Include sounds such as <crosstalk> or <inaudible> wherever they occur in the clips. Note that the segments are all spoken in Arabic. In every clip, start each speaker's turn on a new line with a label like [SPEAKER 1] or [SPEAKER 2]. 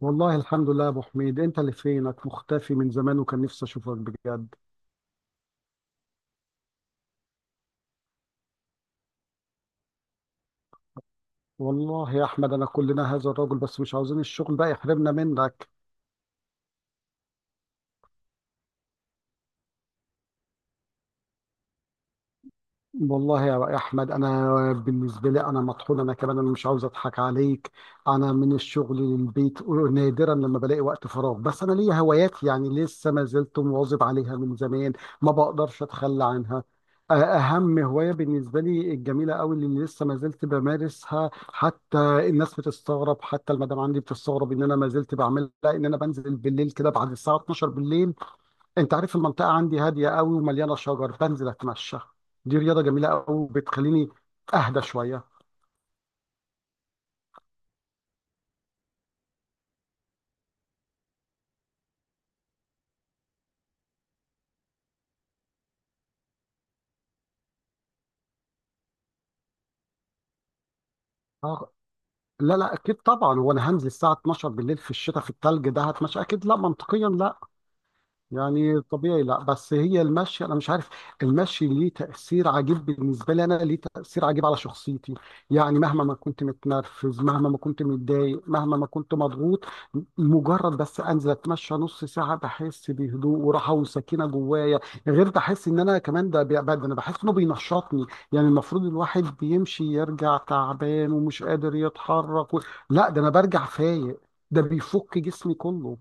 [SPEAKER 1] والله الحمد لله يا ابو حميد، انت اللي فينك مختفي من زمان وكان نفسي اشوفك بجد. والله يا احمد انا كلنا هذا الرجل، بس مش عاوزين الشغل بقى يحرمنا منك. والله يا رأي أحمد، أنا بالنسبة لي أنا مطحون، أنا كمان أنا مش عاوز أضحك عليك. أنا من الشغل للبيت، نادرا لما بلاقي وقت فراغ، بس أنا ليا هوايات، يعني لسه ما زلت مواظب عليها من زمان، ما بقدرش أتخلى عنها. أهم هواية بالنسبة لي الجميلة أوي اللي لسه ما زلت بمارسها، حتى الناس بتستغرب، حتى المدام عندي بتستغرب إن أنا ما زلت بعملها، إن أنا بنزل بالليل كده بعد الساعة 12 بالليل. انت عارف المنطقه عندي هاديه قوي ومليانه شجر، بنزل اتمشى. دي رياضه جميله قوي، وبتخليني اهدى شويه. آه، لا اكيد طبعا، وانا هنزل الساعه 12 بالليل في الشتاء في التلج ده هتمشى؟ اكيد لا، منطقيا لا، يعني طبيعي لا. بس هي المشي، انا مش عارف، المشي ليه تاثير عجيب بالنسبه لي، انا ليه تاثير عجيب على شخصيتي. يعني مهما ما كنت متنرفز، مهما ما كنت متضايق، مهما ما كنت مضغوط، مجرد بس انزل اتمشى نص ساعه بحس بهدوء وراحه وسكينه جوايا. غير بحس ان انا كمان، ده انا بحس انه بينشطني. يعني المفروض الواحد بيمشي يرجع تعبان ومش قادر يتحرك، و... لا، ده انا برجع فايق، ده بيفك جسمي كله.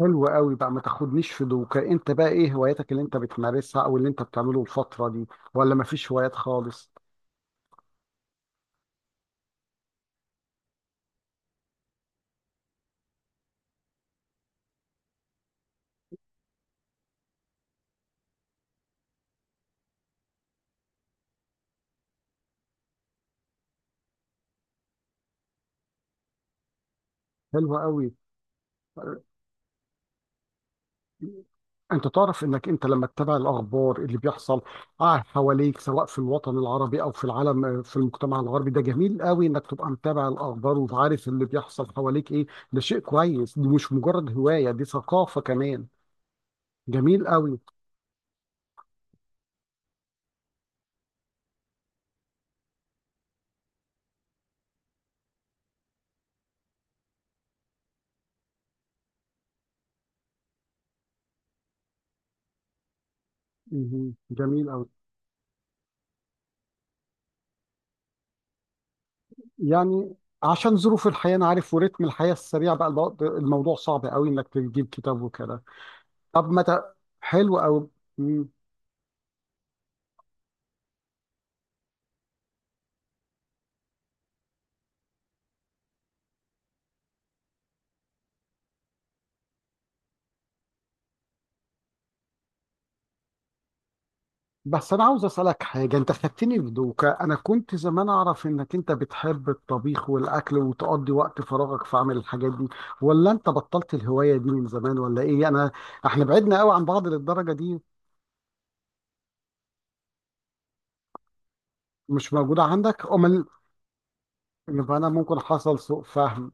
[SPEAKER 1] حلو قوي بقى، ما تاخدنيش في دوكا، انت بقى ايه هواياتك اللي انت بتمارسها او اللي انت بتعمله الفترة دي؟ ولا ما فيش هوايات خالص؟ حلو قوي. انت تعرف انك انت لما تتابع الاخبار اللي بيحصل اه حواليك، سواء في الوطن العربي او في العالم، في المجتمع الغربي، ده جميل قوي انك تبقى متابع الاخبار وعارف اللي بيحصل حواليك ايه. ده شيء كويس، دي مش مجرد هواية، دي ثقافة كمان. جميل قوي. مهم. جميل قوي. يعني عشان ظروف الحياة، أنا عارف ورتم الحياة السريع بقى الموضوع صعب قوي إنك تجيب كتاب وكده. طب ما ده حلو أوي. مم. بس أنا عاوز أسألك حاجة، أنت خدتني في دوكا، أنا كنت زمان أعرف إنك أنت بتحب الطبيخ والأكل وتقضي وقت فراغك في عمل الحاجات دي، ولا أنت بطلت الهواية دي من زمان، ولا إيه؟ أنا إحنا بعدنا قوي عن بعض للدرجة دي؟ مش موجودة عندك أمال؟ يبقى أنا ممكن حصل سوء فهم،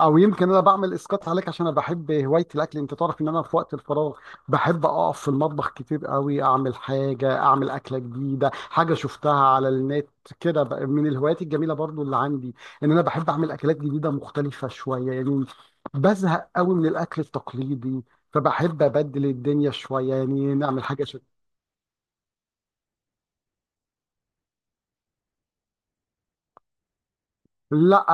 [SPEAKER 1] او يمكن انا بعمل اسقاط عليك عشان انا بحب هوايه الاكل. انت تعرف ان انا في وقت الفراغ بحب اقف في المطبخ كتير قوي، اعمل حاجه، اعمل اكله جديده، حاجه شفتها على النت كده، بقى من الهوايات الجميله برضو اللي عندي، ان انا بحب اعمل اكلات جديده مختلفه شويه يعني. بزهق قوي من الاكل التقليدي، فبحب ابدل الدنيا شويه، يعني نعمل حاجه. لا،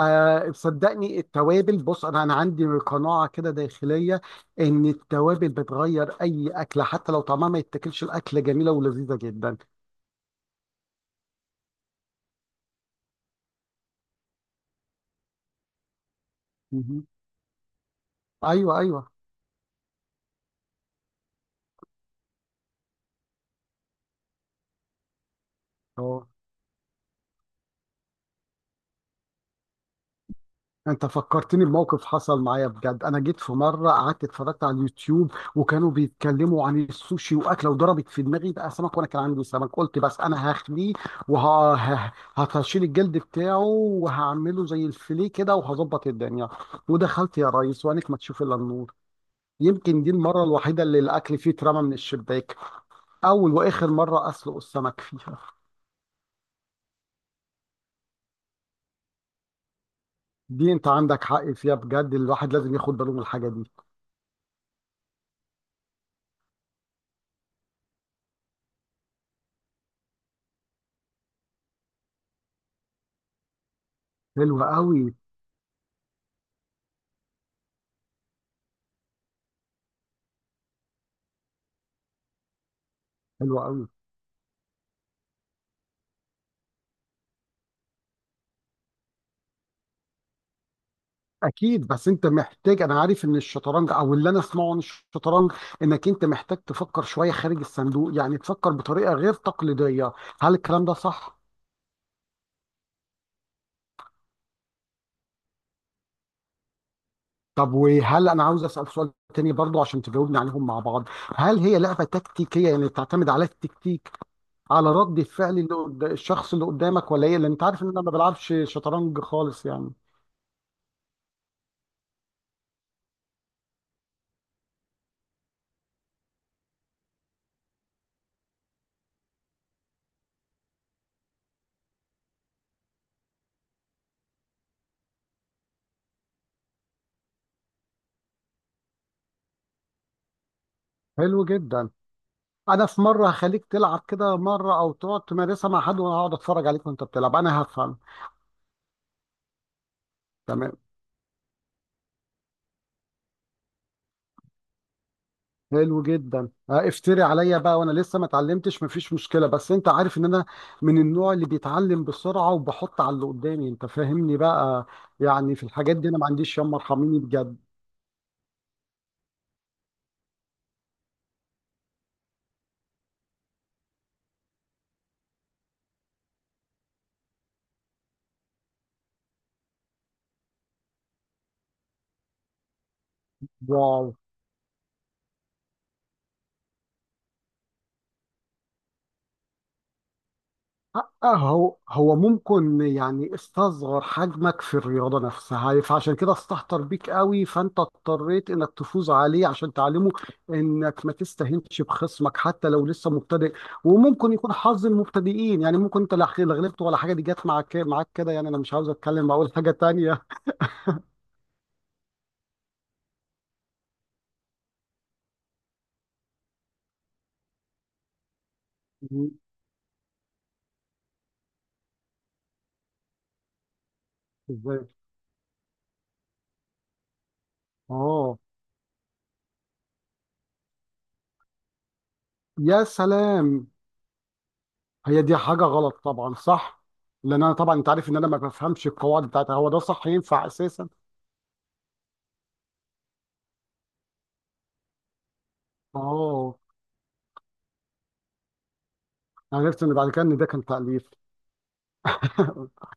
[SPEAKER 1] صدقني التوابل، بص، انا عندي قناعه كده داخليه، ان التوابل بتغير اي اكله، حتى لو طعمها ما يتاكلش الاكله جميله ولذيذه جدا. مهم. ايوه ايوه. اه، انت فكرتني بموقف حصل معايا بجد. انا جيت في مره قعدت اتفرجت على اليوتيوب، وكانوا بيتكلموا عن السوشي واكله، وضربت في دماغي بقى سمك، وانا كان عندي سمك، قلت بس انا هخليه وهشيل الجلد بتاعه وهعمله زي الفيليه كده وهظبط الدنيا. ودخلت يا ريس وعينك ما تشوف الا النور. يمكن دي المره الوحيده اللي الاكل فيه اترمى من الشباك، اول واخر مره اسلق السمك فيها. دي انت عندك حق فيها بجد، الواحد لازم ياخد باله من الحاجه دي. حلوه قوي. حلوه قوي. اكيد، بس انت محتاج، انا عارف ان الشطرنج او اللي انا اسمعه عن الشطرنج، انك انت محتاج تفكر شويه خارج الصندوق، يعني تفكر بطريقه غير تقليديه. هل الكلام ده صح؟ طب وهل انا، عاوز اسال سؤال تاني برضو عشان تجاوبني عليهم مع بعض، هل هي لعبه تكتيكيه؟ يعني تعتمد على التكتيك، على رد الفعل اللي الشخص اللي قدامك، ولا ايه؟ لان انت عارف ان انا ما بلعبش شطرنج خالص يعني. حلو جدا. انا في مره هخليك تلعب كده مره، او تقعد تمارسها مع حد وانا هقعد اتفرج عليك وانت بتلعب، انا هفهم. تمام. حلو جدا. افتري عليا بقى وانا لسه ما اتعلمتش، مفيش مشكله، بس انت عارف ان انا من النوع اللي بيتعلم بسرعه وبحط على اللي قدامي، انت فاهمني بقى. يعني في الحاجات دي انا ما عنديش ياما، ارحميني بجد. واو. اه، هو ممكن يعني استصغر حجمك في الرياضة نفسها، فعشان كده استهتر بيك قوي، فانت اضطريت انك تفوز عليه عشان تعلمه انك ما تستهينش بخصمك حتى لو لسه مبتدئ. وممكن يكون حظ المبتدئين يعني، ممكن انت لا غلبت ولا حاجة، دي جت معاك كده يعني، انا مش عاوز اتكلم اقول حاجة تانية. مم. ازاي؟ اه. يا سلام. هي دي حاجة غلط طبعا، صح؟ لان انا طبعا، انت عارف ان انا ما بفهمش القواعد بتاعتها، هو ده صح؟ ينفع اساسا؟ اه، عرفت ان بعد كده ان ده كان تأليف. <laughs>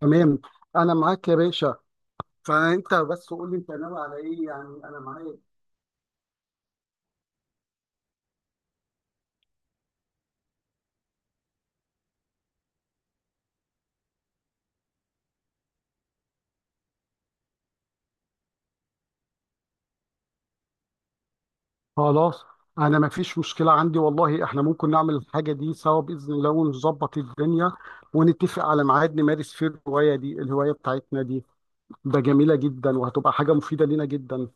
[SPEAKER 1] تمام. انا معاك يا باشا، فانت بس قول لي انت ناوي على ايه، يعني انا معاك. خلاص، انا ما فيش مشكله عندي، والله احنا ممكن نعمل الحاجه دي سوا باذن الله ونظبط الدنيا، ونتفق على ميعاد نمارس فيه الهوايه دي، الهوايه بتاعتنا دي، ده جميله جدا وهتبقى حاجه مفيده لينا جدا.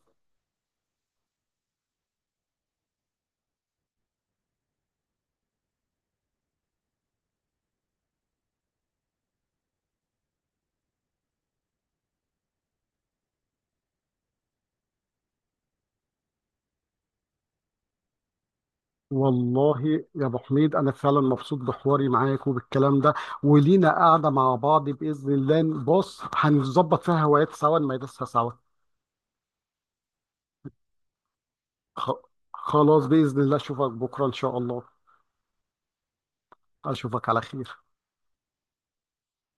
[SPEAKER 1] والله يا ابو حميد، انا فعلا مبسوط بحواري معاك وبالكلام ده، ولينا قاعده مع بعض باذن الله، بص هنظبط فيها هوايات سوا نمارسها سوا. خ- خلاص باذن الله اشوفك بكره ان شاء الله. اشوفك على خير.